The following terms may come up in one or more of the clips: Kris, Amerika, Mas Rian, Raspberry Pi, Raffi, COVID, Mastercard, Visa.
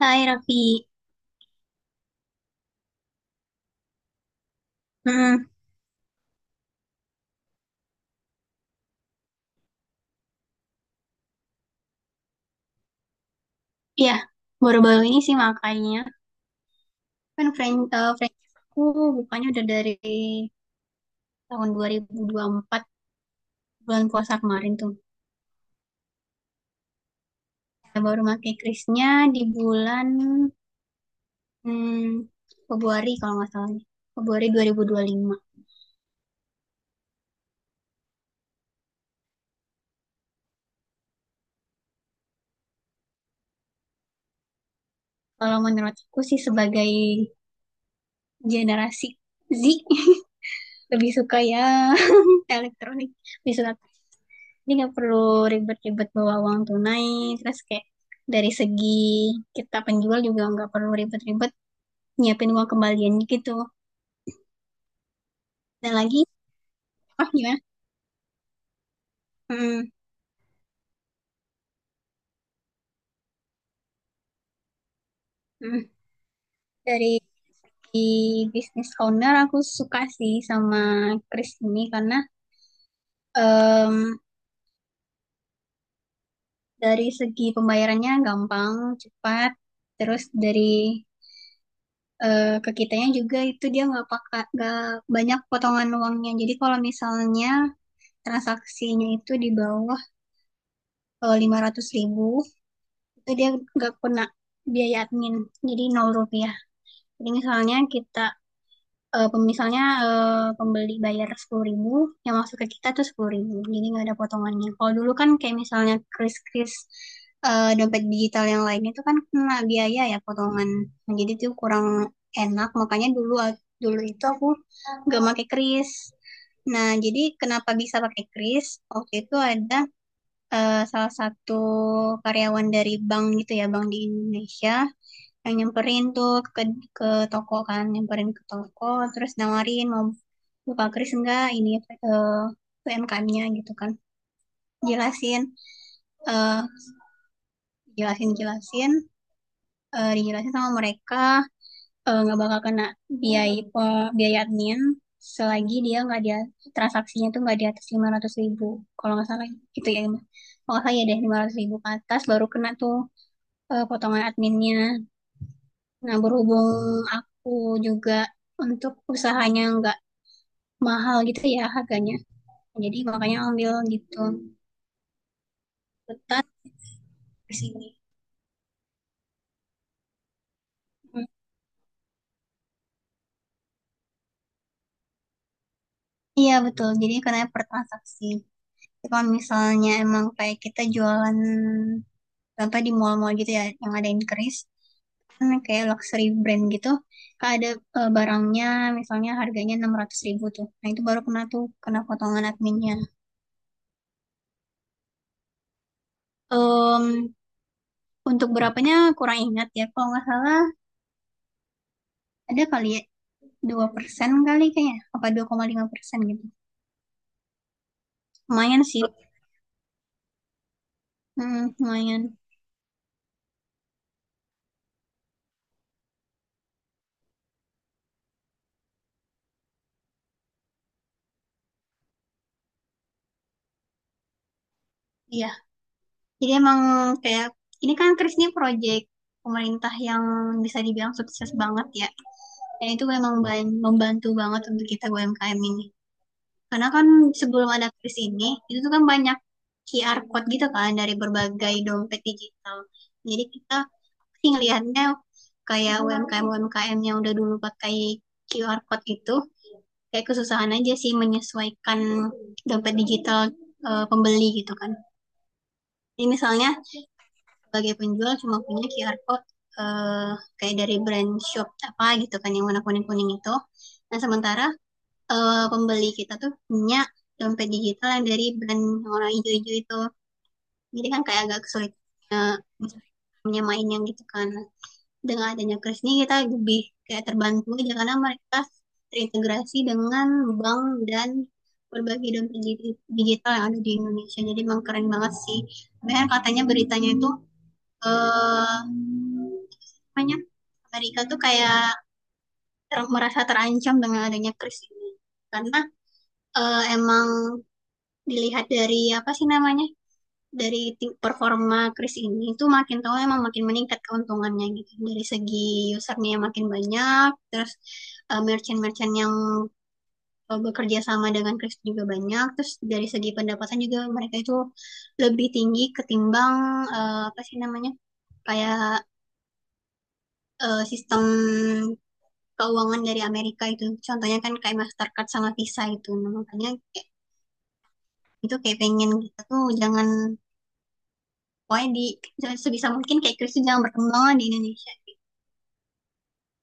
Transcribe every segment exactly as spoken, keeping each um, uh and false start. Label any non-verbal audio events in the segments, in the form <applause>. Hai Raffi, hmm, ya baru-baru ini sih makanya kan friend, eh, franchise aku bukannya udah dari tahun dua ribu dua ribu empat, bulan puasa kemarin tuh. Saya baru pakai krisnya di bulan hmm, Februari kalau nggak salah nih. Februari dua ribu dua puluh lima. Kalau menurut aku sih sebagai generasi Z <laughs> lebih suka ya <laughs> elektronik, lebih suka. Jadi nggak perlu ribet-ribet bawa uang tunai. Terus kayak dari segi kita penjual juga nggak perlu ribet-ribet nyiapin uang kembalian gitu. Dan lagi, oh gimana? Hmm, hmm. Dari di bisnis owner aku suka sih sama Chris ini karena em, dari segi pembayarannya gampang, cepat, terus dari eh, ke kitanya juga itu dia nggak pakai nggak banyak potongan uangnya. Jadi kalau misalnya transaksinya itu di bawah, kalau lima ratus ribu, itu dia nggak kena biaya admin, jadi nol rupiah. Jadi misalnya kita, eh misalnya, eh, pembeli bayar sepuluh ribu, yang masuk ke kita tuh sepuluh ribu, jadi nggak ada potongannya. Kalau dulu kan kayak misalnya kris-kris, eh, dompet digital yang lain itu kan kena biaya, ya, potongan. Nah, jadi tuh kurang enak, makanya dulu dulu itu aku nggak pakai kris. Nah, jadi kenapa bisa pakai kris, waktu itu ada eh, salah satu karyawan dari bank gitu ya, bank di Indonesia, yang nyamperin tuh ke ke toko kan, nyamperin ke toko terus nawarin mau buka kris enggak ini, eh, U M K M-nya gitu kan. Jelasin eh jelasin jelasin eh Dijelasin sama mereka, eh, nggak bakal kena biaya pe- biaya admin selagi dia nggak, dia transaksinya tuh nggak di atas lima ratus ribu, kalau nggak salah, gitu ya, kalau nggak salah ya deh, lima ratus ribu ke atas baru kena tuh, eh, potongan adminnya. Nah, berhubung aku juga untuk usahanya nggak mahal gitu ya harganya. Jadi makanya ambil gitu. Ketat di sini. Hmm. Iya, betul. Jadi karena per transaksi. Tapi kalau misalnya emang kayak kita jualan, contoh di mall-mall gitu ya yang ada increase, kan kayak luxury brand gitu kan ada eh, barangnya, misalnya harganya enam ratus ribu tuh, nah itu baru kena tuh, kena potongan adminnya. Untuk berapanya kurang ingat ya. Kalau nggak salah ada kali ya dua persen kali kayaknya. Apa dua koma lima persen gitu. Lumayan sih. Hmm, lumayan. Iya. Jadi emang kayak ini kan Kris ini project pemerintah yang bisa dibilang sukses banget ya. Dan itu memang ban- membantu banget untuk kita U M K M ini. Karena kan sebelum ada Kris ini, itu tuh kan banyak Q R code gitu kan dari berbagai dompet digital. Jadi kita sih ngelihatnya kayak U M K M-U M K M yang udah dulu pakai Q R code itu kayak kesusahan aja sih menyesuaikan dompet digital eh, pembeli gitu kan. Jadi misalnya sebagai penjual cuma punya Q R code, eh, kayak dari brand shop apa gitu kan yang warna kuning-kuning itu. Nah sementara eh, pembeli kita tuh punya dompet digital yang dari brand yang warna hijau-hijau itu. Jadi kan kayak agak kesulitan eh, menyamainnya gitu kan. Dengan adanya Kris ini kita lebih kayak terbantu aja karena mereka terintegrasi dengan bank dan berbagai dompet digital yang ada di Indonesia. Jadi emang keren banget sih. Bahkan katanya beritanya itu, eh namanya Amerika tuh kayak ter- merasa terancam dengan adanya Kris ini. Karena eh, emang dilihat dari apa sih namanya? Dari tim performa Chris ini tuh makin tahu emang makin meningkat keuntungannya gitu. Dari segi usernya makin banyak, terus eh, merchant-merchant yang eh, bekerja sama dengan Chris juga banyak, terus dari segi pendapatan juga mereka itu lebih tinggi ketimbang eh, apa sih namanya? Kayak eh, sistem keuangan dari Amerika itu. Contohnya kan kayak Mastercard sama Visa itu. Nah, makanya kayak- itu kayak pengen kita tuh jangan, pokoknya di sebisa mungkin kayak Chrisye jangan berkembang di Indonesia.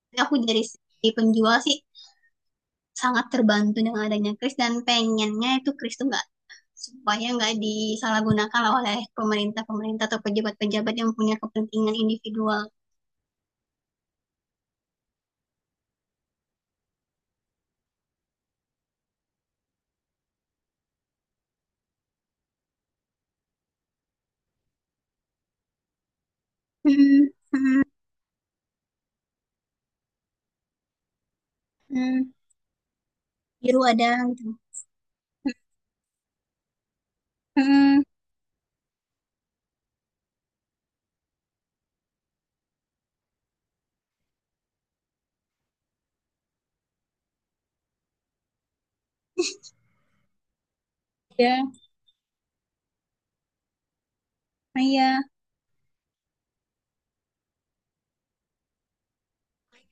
Jadi aku dari segi penjual sih sangat terbantu dengan adanya Kris, dan pengennya itu Kris tuh nggak, supaya nggak disalahgunakan oleh pemerintah-pemerintah atau pejabat-pejabat yang punya kepentingan individual. Hmm, hmm, hmm. Biru ada gitu. Hmm, ya, ah, iya.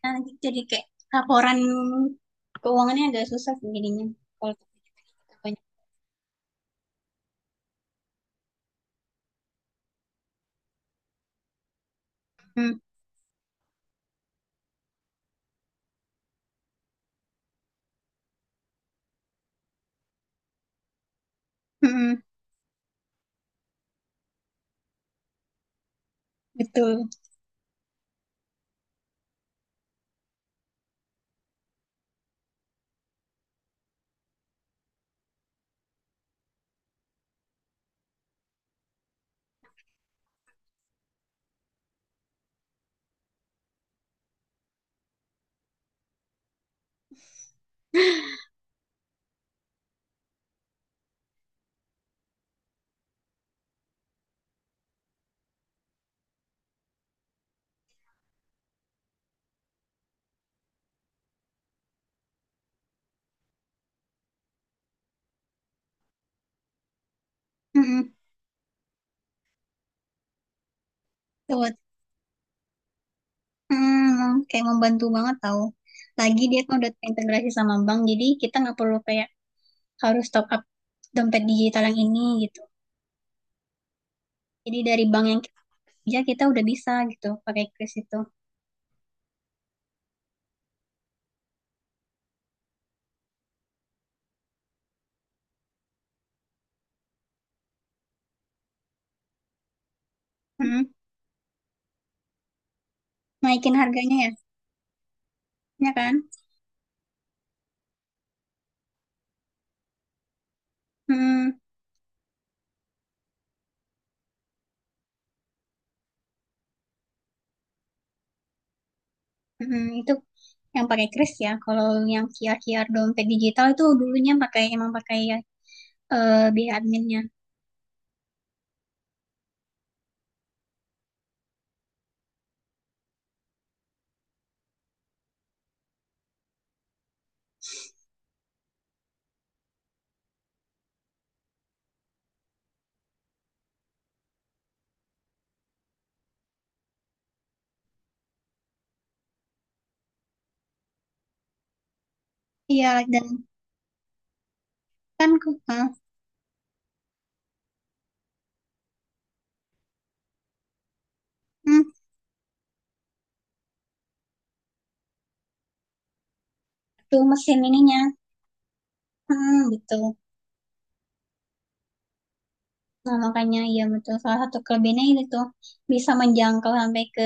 Nah, jadi kayak laporan keuangannya agak susah sih jadinya kalau banyak. Hmm, hmm, betul. Hmm, tuh. Hmm, kayak membantu banget tau. Lagi dia kan udah terintegrasi sama bank, jadi kita nggak perlu kayak harus top up dompet digital yang ini gitu. Jadi dari bank yang kita kerja kita udah bisa gitu pakai kris itu. Hmm, Naikin harganya ya, ya kan? Hmm. Hmm, itu yang pakai kris ya. Kalau yang Q R-Q R dompet digital itu dulunya pakai emang pakai eh biaya adminnya. Iya, dan kan ke- eh, hmm, tuh mesin ininya. Hmm, gitu. Nah, makanya ya betul, salah satu kelebihannya itu bisa menjangkau sampai ke,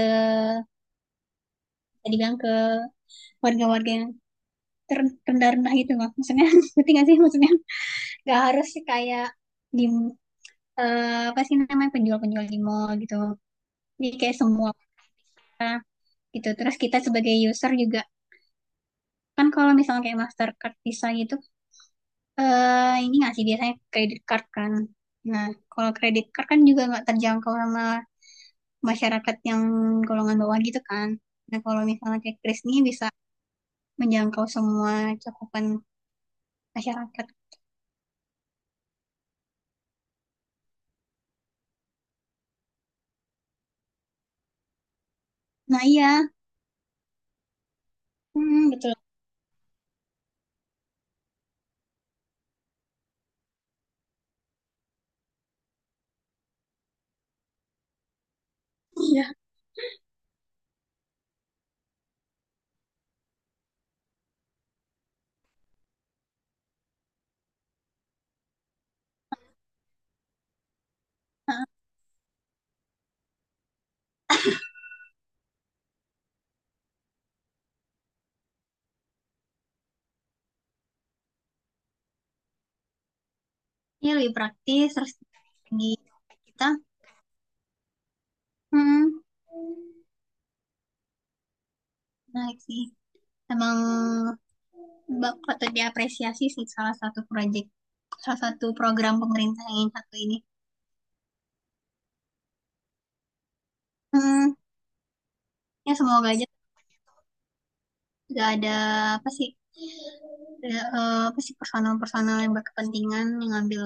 tadi bilang, ke warga-warga yang ter- terendah-rendah gitu loh. Maksudnya <laughs> ngerti nggak sih maksudnya, nggak harus sih kayak di eh, apa sih namanya penjual-penjual di mall gitu. Jadi kayak semua orang gitu. Terus kita sebagai user juga kan kalau misalnya kayak Mastercard Visa gitu eh ini nggak sih biasanya kredit card kan. Nah, kalau kredit card kan juga nggak terjangkau sama masyarakat yang golongan bawah gitu kan. Nah, kalau misalnya kayak Kris nih bisa menjangkau semua cakupan masyarakat. Nah, iya. Hmm, betul. Iya. Heeh. Ini lebih praktis, terus di kita. Hmm, Menarik sih. Emang bak- patut diapresiasi sih, salah satu proyek, salah satu program pemerintah yang satu ini. Hmm, Ya, semoga aja nggak ada apa sih, ada, eh, apa sih personal-personal yang berkepentingan yang ngambil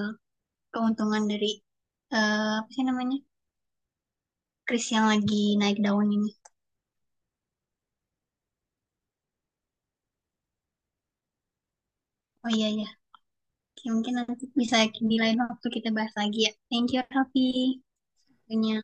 keuntungan dari eh, apa sih namanya kris yang lagi naik daun ini. Oh iya ya, mungkin nanti bisa di lain waktu kita bahas lagi ya. Thank you Raffi punya